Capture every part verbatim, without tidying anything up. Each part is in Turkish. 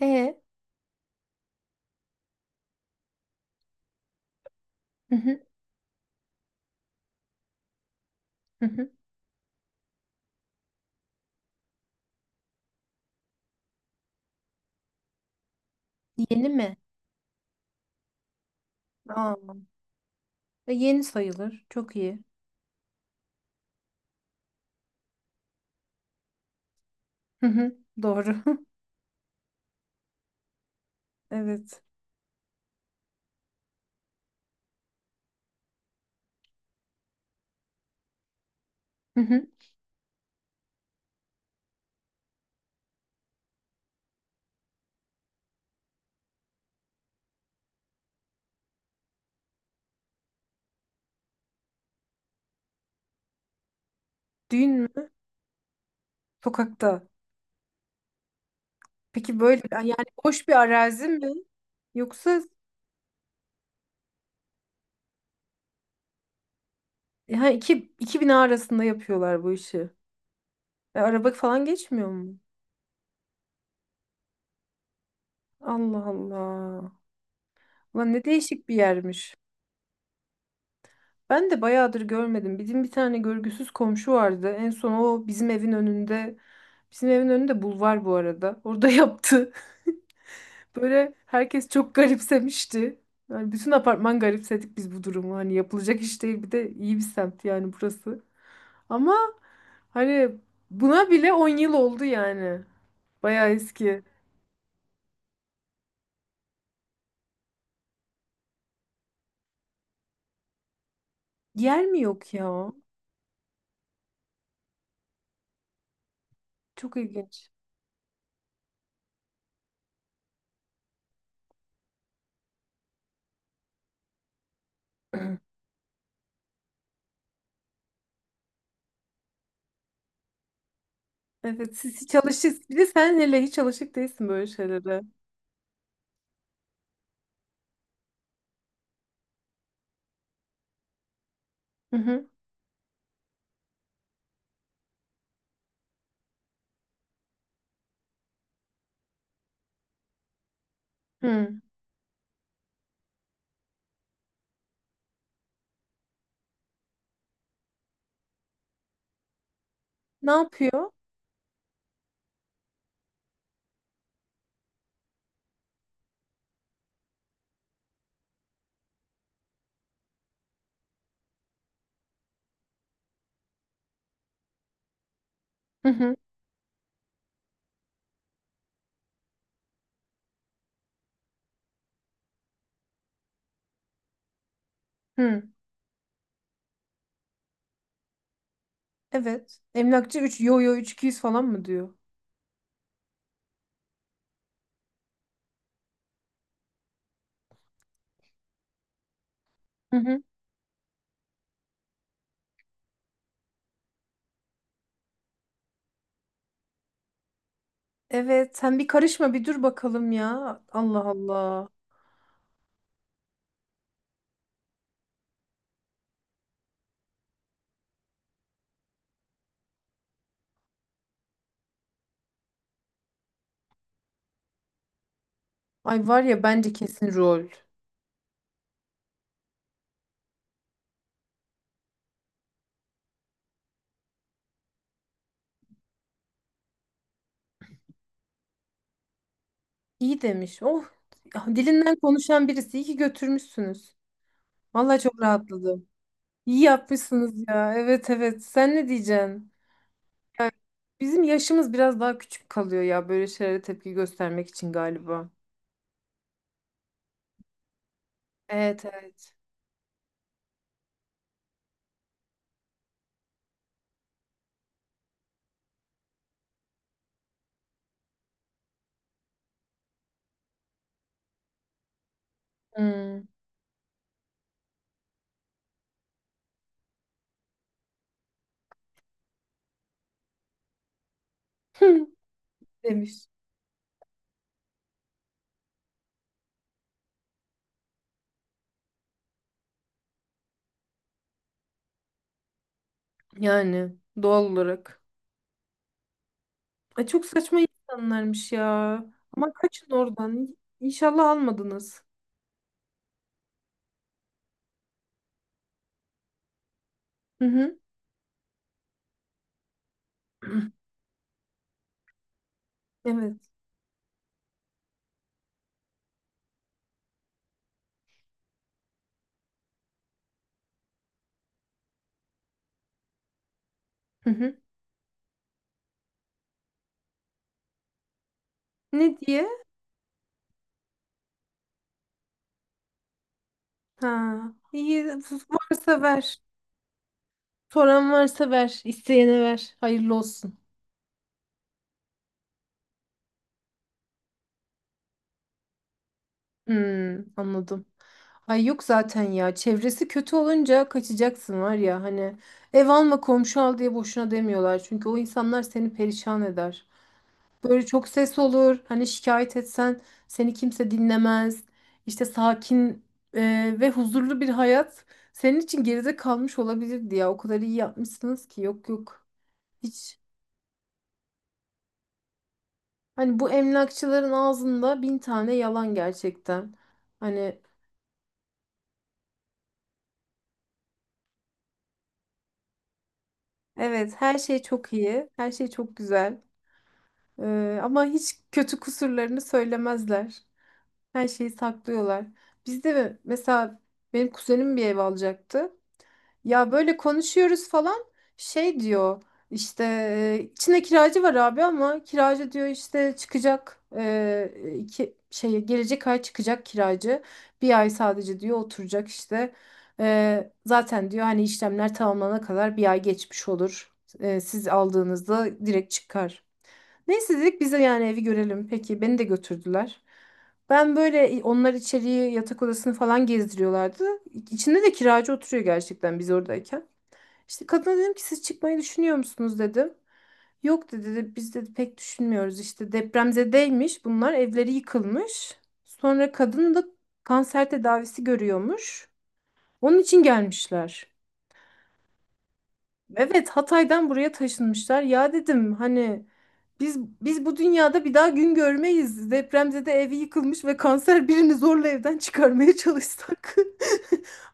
E, hı hı, hı hı. Yeni mi? Aa, e, yeni sayılır. Çok iyi. Hı hı, doğru. Evet. Hı hı. Düğün mü? Sokakta. Peki böyle yani boş bir arazi mi? Yoksa ha, iki, iki bina arasında yapıyorlar bu işi. E, araba falan geçmiyor mu? Allah Allah. Ulan ne değişik bir yermiş. Ben de bayağıdır görmedim. Bizim bir tane görgüsüz komşu vardı. En son o bizim evin önünde. Bizim evin önünde bulvar bu arada. Orada yaptı. Böyle herkes çok garipsemişti. Yani bütün apartman garipsedik biz bu durumu. Hani yapılacak iş değil, bir de iyi bir semt yani burası. Ama hani buna bile on yıl oldu yani. Bayağı eski. Yer mi yok ya? Çok ilginç. Evet siz hiç alışık, bir de sen hele hiç alışık değilsin böyle şeylere. Hı hı. Hı. Ne yapıyor? Hı hı. Hı. Evet. Emlakçı üç. Yo yo, üç bin iki yüz falan mı diyor? Evet, sen bir karışma bir dur bakalım ya. Allah Allah. Ay var ya bence kesin rol. İyi demiş. Oh, ya dilinden konuşan birisi. İyi ki götürmüşsünüz. Vallahi çok rahatladım. İyi yapmışsınız ya. Evet evet. Sen ne diyeceksin? Ya bizim yaşımız biraz daha küçük kalıyor ya böyle şeylere tepki göstermek için galiba. Evet evet. Hmm. demiş. Yani doğal olarak. Ay çok saçma insanlarmış ya. Ama kaçın oradan. İnşallah almadınız. Hı hı. Evet. Hı hı. Ne diye? Ha. İyi varsa ver. Soran varsa ver. İsteyene ver. Hayırlı olsun. Hmm, anladım. Ay yok zaten ya. Çevresi kötü olunca kaçacaksın var ya, hani ev alma komşu al diye boşuna demiyorlar. Çünkü o insanlar seni perişan eder. Böyle çok ses olur. Hani şikayet etsen seni kimse dinlemez. İşte sakin e, ve huzurlu bir hayat senin için geride kalmış olabilirdi ya. O kadar iyi yapmışsınız ki. Yok yok. Hiç. Hani bu emlakçıların ağzında bin tane yalan gerçekten. Hani evet, her şey çok iyi. Her şey çok güzel. E, ama hiç kötü kusurlarını söylemezler. Her şeyi saklıyorlar. Bizde mi- mesela benim kuzenim bir ev alacaktı. Ya böyle konuşuyoruz falan, şey diyor işte e, içinde kiracı var abi ama kiracı diyor işte çıkacak, e, iki, şey gelecek ay çıkacak kiracı, bir ay sadece diyor oturacak işte. E, zaten diyor hani işlemler tamamlanana kadar bir ay geçmiş olur. E, siz aldığınızda direkt çıkar. Neyse dedik bize yani evi görelim. Peki beni de götürdüler. Ben böyle onlar içeriği yatak odasını falan gezdiriyorlardı. İçinde de kiracı oturuyor gerçekten biz oradayken. İşte kadına dedim ki siz çıkmayı düşünüyor musunuz dedim. Yok dedi, dedi biz dedi pek düşünmüyoruz işte depremzedeymiş bunlar, evleri yıkılmış. Sonra kadın da kanser tedavisi görüyormuş. Onun için gelmişler. Evet, Hatay'dan buraya taşınmışlar. Ya dedim hani biz biz bu dünyada bir daha gün görmeyiz. Depremzede evi yıkılmış ve kanser birini zorla evden çıkarmaya çalışsak.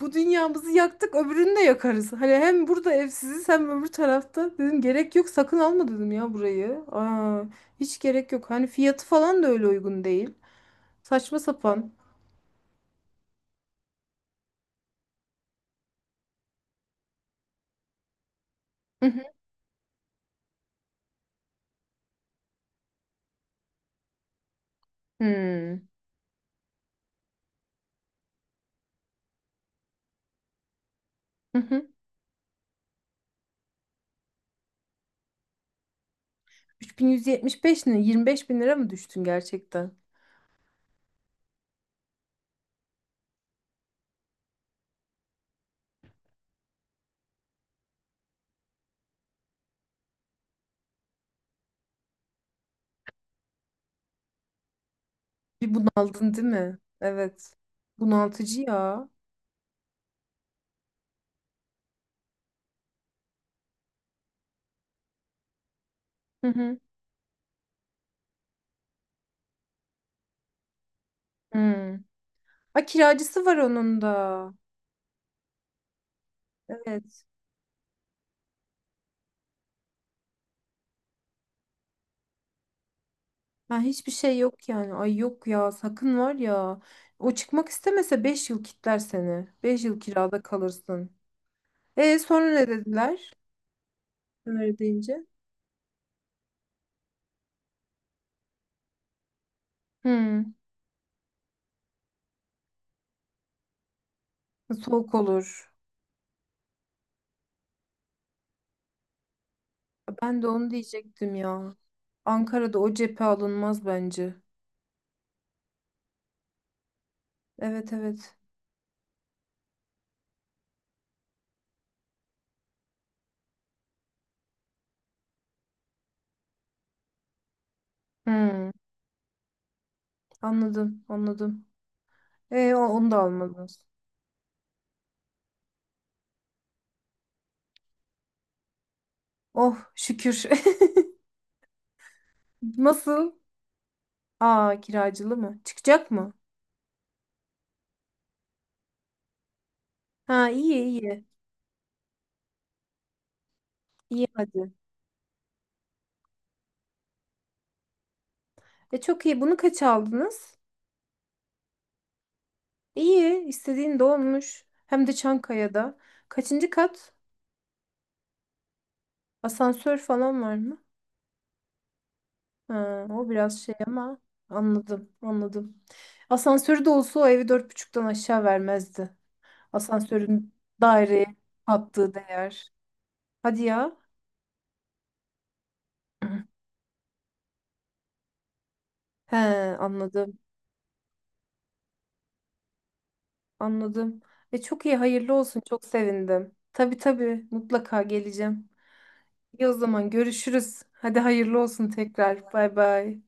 Bu dünyamızı yaktık öbürünü de yakarız. Hani hem burada evsiziz hem öbür tarafta. Dedim gerek yok sakın alma dedim ya burayı. Aa, hiç gerek yok. Hani fiyatı falan da öyle uygun değil. Saçma sapan. Hı hı. Hmm. Hı hı. üç bin yüz yetmiş beş ne? yirmi beş bin lira mı düştün gerçekten? Bir bunaldın değil mi? Evet. Bunaltıcı ya. Hı hı. Hmm. Ay kiracısı var onun da. Evet. Ha, hiçbir şey yok yani. Ay yok ya, sakın var ya. O çıkmak istemese beş yıl kitler seni. Beş yıl kirada kalırsın. E sonra ne dediler? Öyle deyince. Hmm. Soğuk olur. Ben de onu diyecektim ya. Ankara'da o cephe alınmaz bence. Evet evet. Hmm. Anladım anladım. E o- onu da almadın. Oh şükür. Nasıl? Aa kiracılı mı? Çıkacak mı? Ha iyi iyi. İyi hadi. E çok iyi. Bunu kaç aldınız? İyi. İstediğin de olmuş. Hem de Çankaya'da. Kaçıncı kat? Asansör falan var mı? Ha, o biraz şey ama anladım anladım. Asansörü de olsa o evi dört buçuktan aşağı vermezdi. Asansörün daireye kattığı değer. Hadi ya. He anladım. Anladım. E çok iyi, hayırlı olsun. Çok sevindim. Tabii tabii, mutlaka geleceğim. İyi o zaman görüşürüz. Hadi hayırlı olsun tekrar. Bay bay.